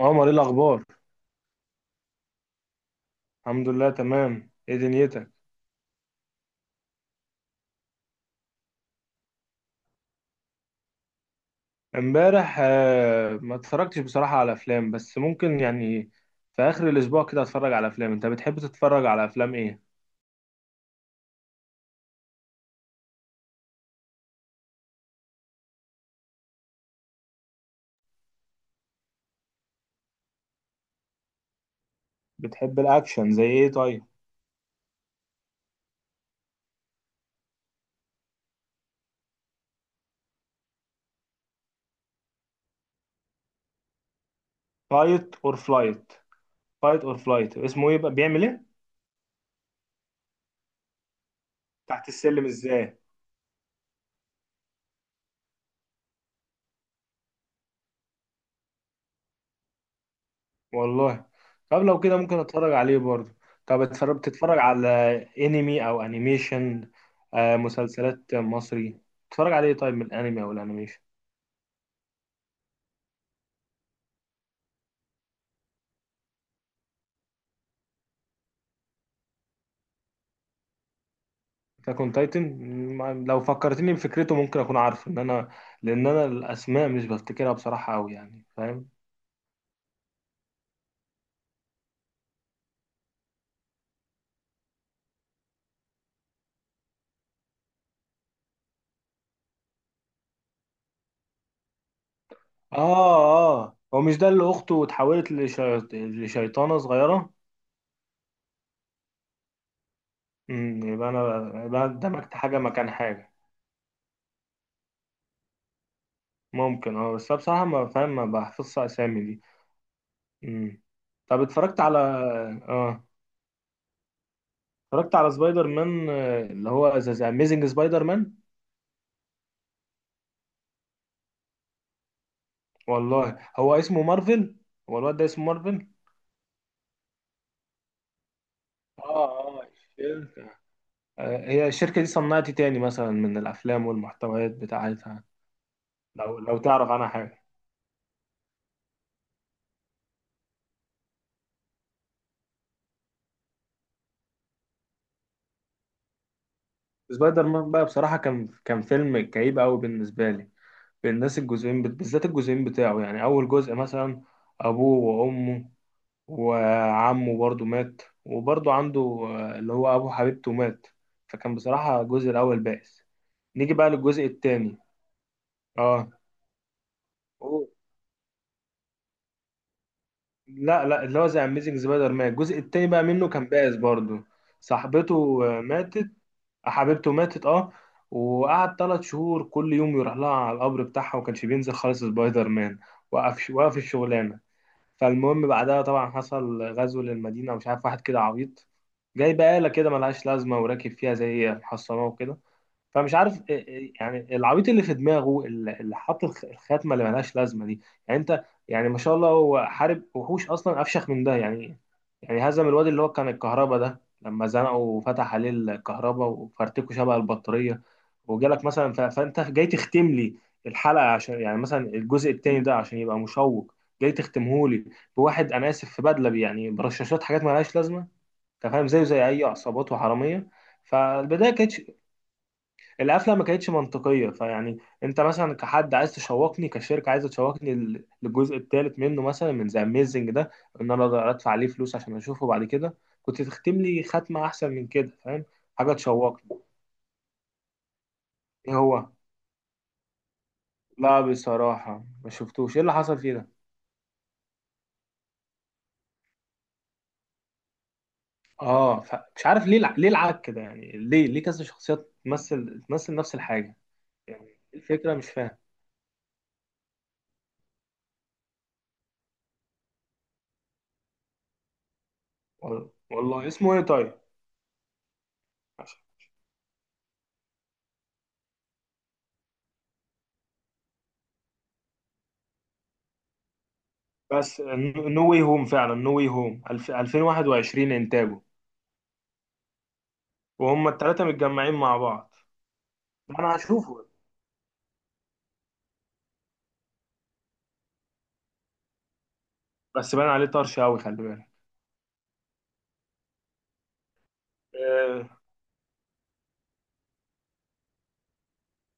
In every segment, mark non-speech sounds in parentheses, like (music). عمر ايه الاخبار؟ الحمد لله تمام، ايه دنيتك؟ امبارح ما اتفرجتش بصراحة على افلام، بس ممكن في اخر الاسبوع كده اتفرج على افلام. انت بتحب تتفرج على افلام ايه؟ بتحب الاكشن زي ايه طيب؟ فايت اور فلايت. فايت اور فلايت اسمه ايه بقى؟ بيعمل ايه؟ تحت السلم ازاي؟ والله. طب لو كده ممكن اتفرج عليه برضه. طب اتفرج، بتتفرج على انمي او انيميشن؟ مسلسلات مصري تتفرج عليه؟ طيب من الانمي او الانيميشن اتاك اون تايتن، لو فكرتني بفكرته ممكن اكون عارفه، ان انا لان انا الاسماء مش بفتكرها بصراحه قوي، يعني فاهم؟ اه. اه هو مش ده اللي اخته اتحولت لشيطانه صغيره؟ يبقى انا، يبقى أنا دمجت حاجه مكان حاجه. ممكن اه، بس أنا بصراحه ما فاهم، ما بحفظش اسامي دي. امم طب اتفرجت على، اه اتفرجت على سبايدر مان، اللي هو ذا اميزنج سبايدر مان. والله هو اسمه مارفل؟ هو الواد ده اسمه مارفل؟ اه. اه. هي الشركة دي صنعت إيه تاني مثلا من الأفلام والمحتويات بتاعتها؟ لو تعرف عنها حاجة. سبايدر مان بقى بصراحة كان فيلم كئيب أوي بالنسبة لي، بالناس الجزئين بالذات الجزئين بتاعه. يعني أول جزء مثلا أبوه وأمه وعمه برضه مات، وبرضه عنده اللي هو أبو حبيبته مات. فكان بصراحة الجزء الأول بائس. نيجي بقى للجزء التاني. اه. أوه. لا لا، اللي هو ذا أميزنج سبايدر مان الجزء التاني بقى منه كان بائس برضه. صاحبته ماتت، حبيبته ماتت اه. وقعد ثلاث شهور كل يوم يروح لها على القبر بتاعها، وما كانش بينزل خالص سبايدر مان، وقف الشغلانه. فالمهم بعدها طبعا حصل غزو للمدينه، ومش عارف واحد كده عبيط جاي بقالة كده ملهاش لازمة وراكب فيها زي محصنة وكده. فمش عارف يعني العبيط اللي في دماغه اللي حاط الخاتمه اللي ملهاش لازمه دي. يعني انت، يعني ما شاء الله هو حارب وحوش اصلا افشخ من ده يعني. يعني هزم الواد اللي هو كان الكهرباء ده، لما زنقه وفتح عليه الكهرباء وفرتكه شبه البطاريه. وجالك مثلا فانت جاي تختم لي الحلقه، عشان يعني مثلا الجزء التاني ده عشان يبقى مشوق. جاي تختمه لي بواحد انا اسف في بدله يعني برشاشات، حاجات ملهاش لازمه. انت فاهم، زيه زي اي عصابات وحراميه. فالبدايه كانت، القفله ما كانتش منطقيه فيعني. انت مثلا كحد عايز تشوقني، كشركه عايزه تشوقني للجزء الثالث منه مثلا من ذا اميزنج ده، ان انا اقدر ادفع عليه فلوس عشان اشوفه بعد كده، كنت تختم لي ختمه احسن من كده، فاهم؟ حاجه تشوقني. ايه هو؟ لا بصراحه ما شفتوش، ايه اللي حصل فيه ده؟ اه، مش عارف ليه ليه العك كده. يعني ليه ليه كذا شخصيات تمثل نفس الحاجه؟ يعني ايه الفكره؟ مش فاهم. والله اسمه ايه طيب؟ بس، نو واي هوم، فعلا نو واي هوم 2021 انتاجه. وهم الثلاثه متجمعين مع بعض. انا هشوفه، بس باين عليه طرش قوي، خلي بالك. آه،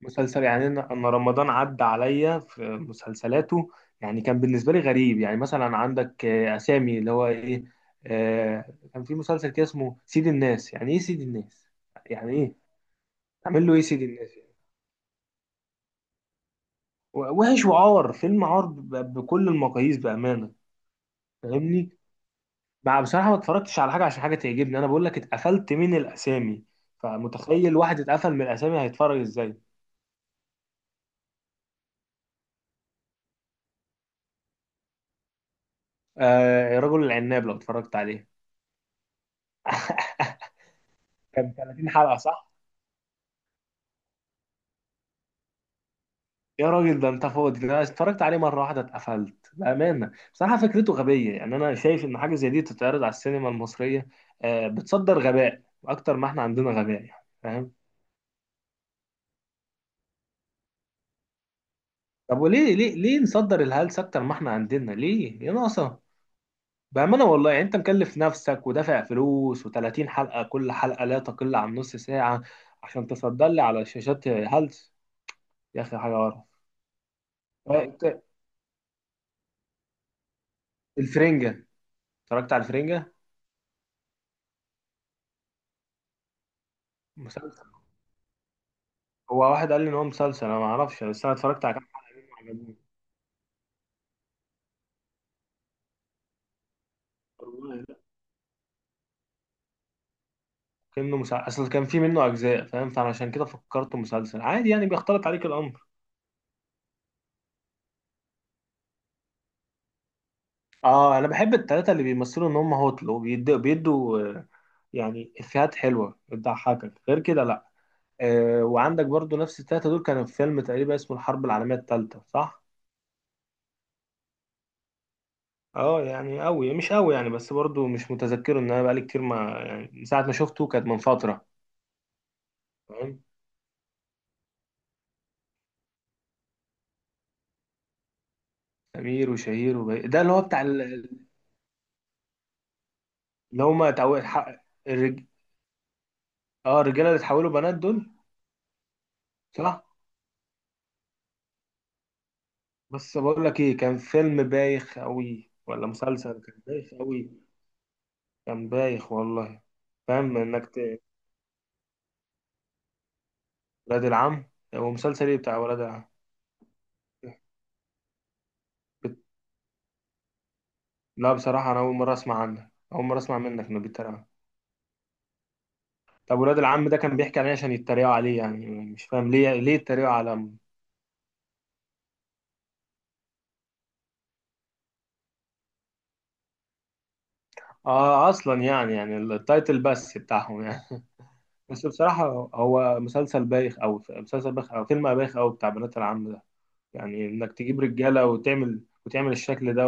مسلسل يعني انا، أنا رمضان عدى عليا في مسلسلاته. يعني كان بالنسبه لي غريب. يعني مثلا عندك اسامي اللي هو ايه. كان في مسلسل كده اسمه سيد الناس، يعني ايه سيد الناس؟ يعني ايه تعمل له ايه سيد الناس يعني؟ وحش وعار، فيلم عار بكل المقاييس بامانه. فاهمني؟ ما بصراحة ما اتفرجتش على حاجة عشان حاجة تعجبني، أنا بقول لك اتقفلت من الأسامي. فمتخيل واحد اتقفل من الأسامي هيتفرج إزاي؟ آه رجل العناب، لو اتفرجت عليه كان 30 حلقة صح؟ يا راجل ده أنت فاضي، ده أنا اتفرجت عليه مرة واحدة اتقفلت بأمانة. بصراحة فكرته غبية. يعني أنا شايف إن حاجة زي دي تتعرض على السينما المصرية آه، بتصدر غباء أكتر ما إحنا عندنا غباء، يعني فاهم؟ طب وليه ليه ليه نصدر الهلس أكتر ما إحنا عندنا ليه؟ يا ناقصة. بأمانة والله، يعني أنت مكلف نفسك ودافع فلوس، و30 حلقة كل حلقة لا تقل عن نص ساعة، عشان تصدر لي على شاشات هلس. يا أخي حاجة قرف. فأنت- الفرنجة. اتفرجت على الفرنجة؟ مسلسل، هو واحد قال لي إن هو مسلسل أنا ما أعرفش، بس أنا اتفرجت على كام حلقة منه عجبوني. والله لا، كأنه مسلسل، أصل كان في منه أجزاء فاهم، فعشان كده فكرته مسلسل عادي، يعني بيختلط عليك الأمر. أه أنا بحب التلاتة اللي بيمثلوا إن هم هوتل وبيدوا يعني إفيهات حلوة بتضحكك، غير كده لا. وعندك برضو نفس التلاتة دول كانوا في فيلم تقريبا اسمه الحرب العالمية التالتة صح؟ اه يعني قوي مش قوي يعني، بس برضو مش متذكره ان انا بقالي كتير، ما يعني من ساعة ما شفته كانت من فترة. تمام. أمير وشهير وبهير، ده اللي هو بتاع اللي هما الرج... اه الرجالة اللي اتحولوا بنات دول صح؟ بس بقول لك ايه، كان فيلم بايخ قوي ولا مسلسل كان بايخ قوي، كان بايخ والله. فاهم انك ولاد العم. ومسلسل ايه بتاع ولاد العم. لا بصراحة أنا أول مرة أسمع عنك، أول مرة أسمع منك إنه بيتريقوا. طب ولاد العم ده كان بيحكي عليه عشان يتريقوا عليه؟ يعني مش فاهم ليه ليه يتريقوا على، آه أصلا يعني يعني التايتل بس بتاعهم يعني. (laughs) بس بصراحة هو مسلسل بايخ أوي، مسلسل بايخ أو فيلم بايخ أوي بتاع بنات العم ده. يعني إنك تجيب رجالة وتعمل الشكل ده.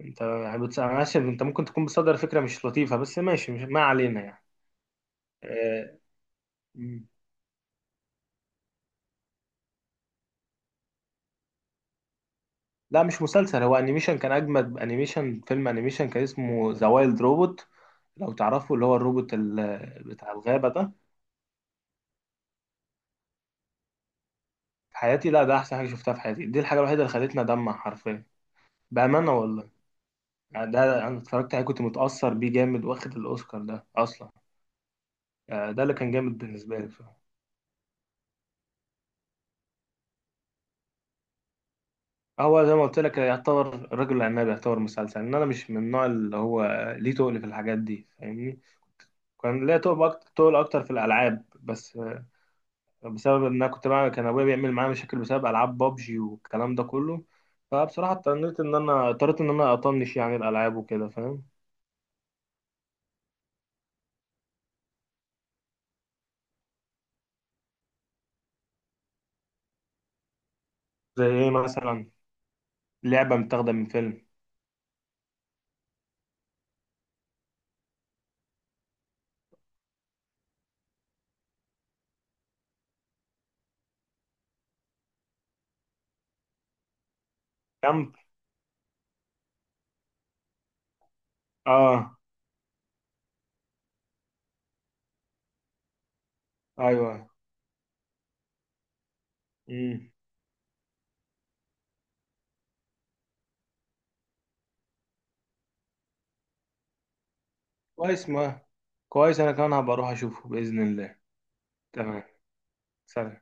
وأنت يعني ماشي، أنت ممكن تكون بتصدر فكرة مش لطيفة بس ماشي، مش ما علينا يعني. آه، لا مش مسلسل، هو انيميشن، كان اجمد انيميشن، فيلم انيميشن كان اسمه ذا وايلد روبوت. لو تعرفوا اللي هو الروبوت بتاع الغابة ده. في حياتي، لا ده احسن حاجة شفتها في حياتي، دي الحاجة الوحيدة اللي خلتني ادمع حرفيا. بأمانة والله. يعني ده انا اتفرجت عليه كنت متأثر بيه جامد، واخد الاوسكار ده اصلا. ده اللي كان جامد بالنسبة لي بصراحة. هو زي ما قلت لك يعتبر الرجل العناب يعتبر مسلسل، ان انا مش من النوع اللي هو ليه تقل في الحاجات دي، فاهمني؟ كان ليا تقل اكتر، في الالعاب بس، بسبب ان انا كنت بقى كان ابويا بيعمل معايا مشاكل بسبب العاب بابجي والكلام ده كله. فبصراحه اضطريت ان انا، اضطريت ان انا اطنش يعني الالعاب وكده فاهم. زي ايه مثلا؟ لعبه متاخده من فيلم؟ كامب. اه. ايوه. امم كويس، ما كويس انا كمان هبقى اروح اشوفه باذن الله. تمام. سلام.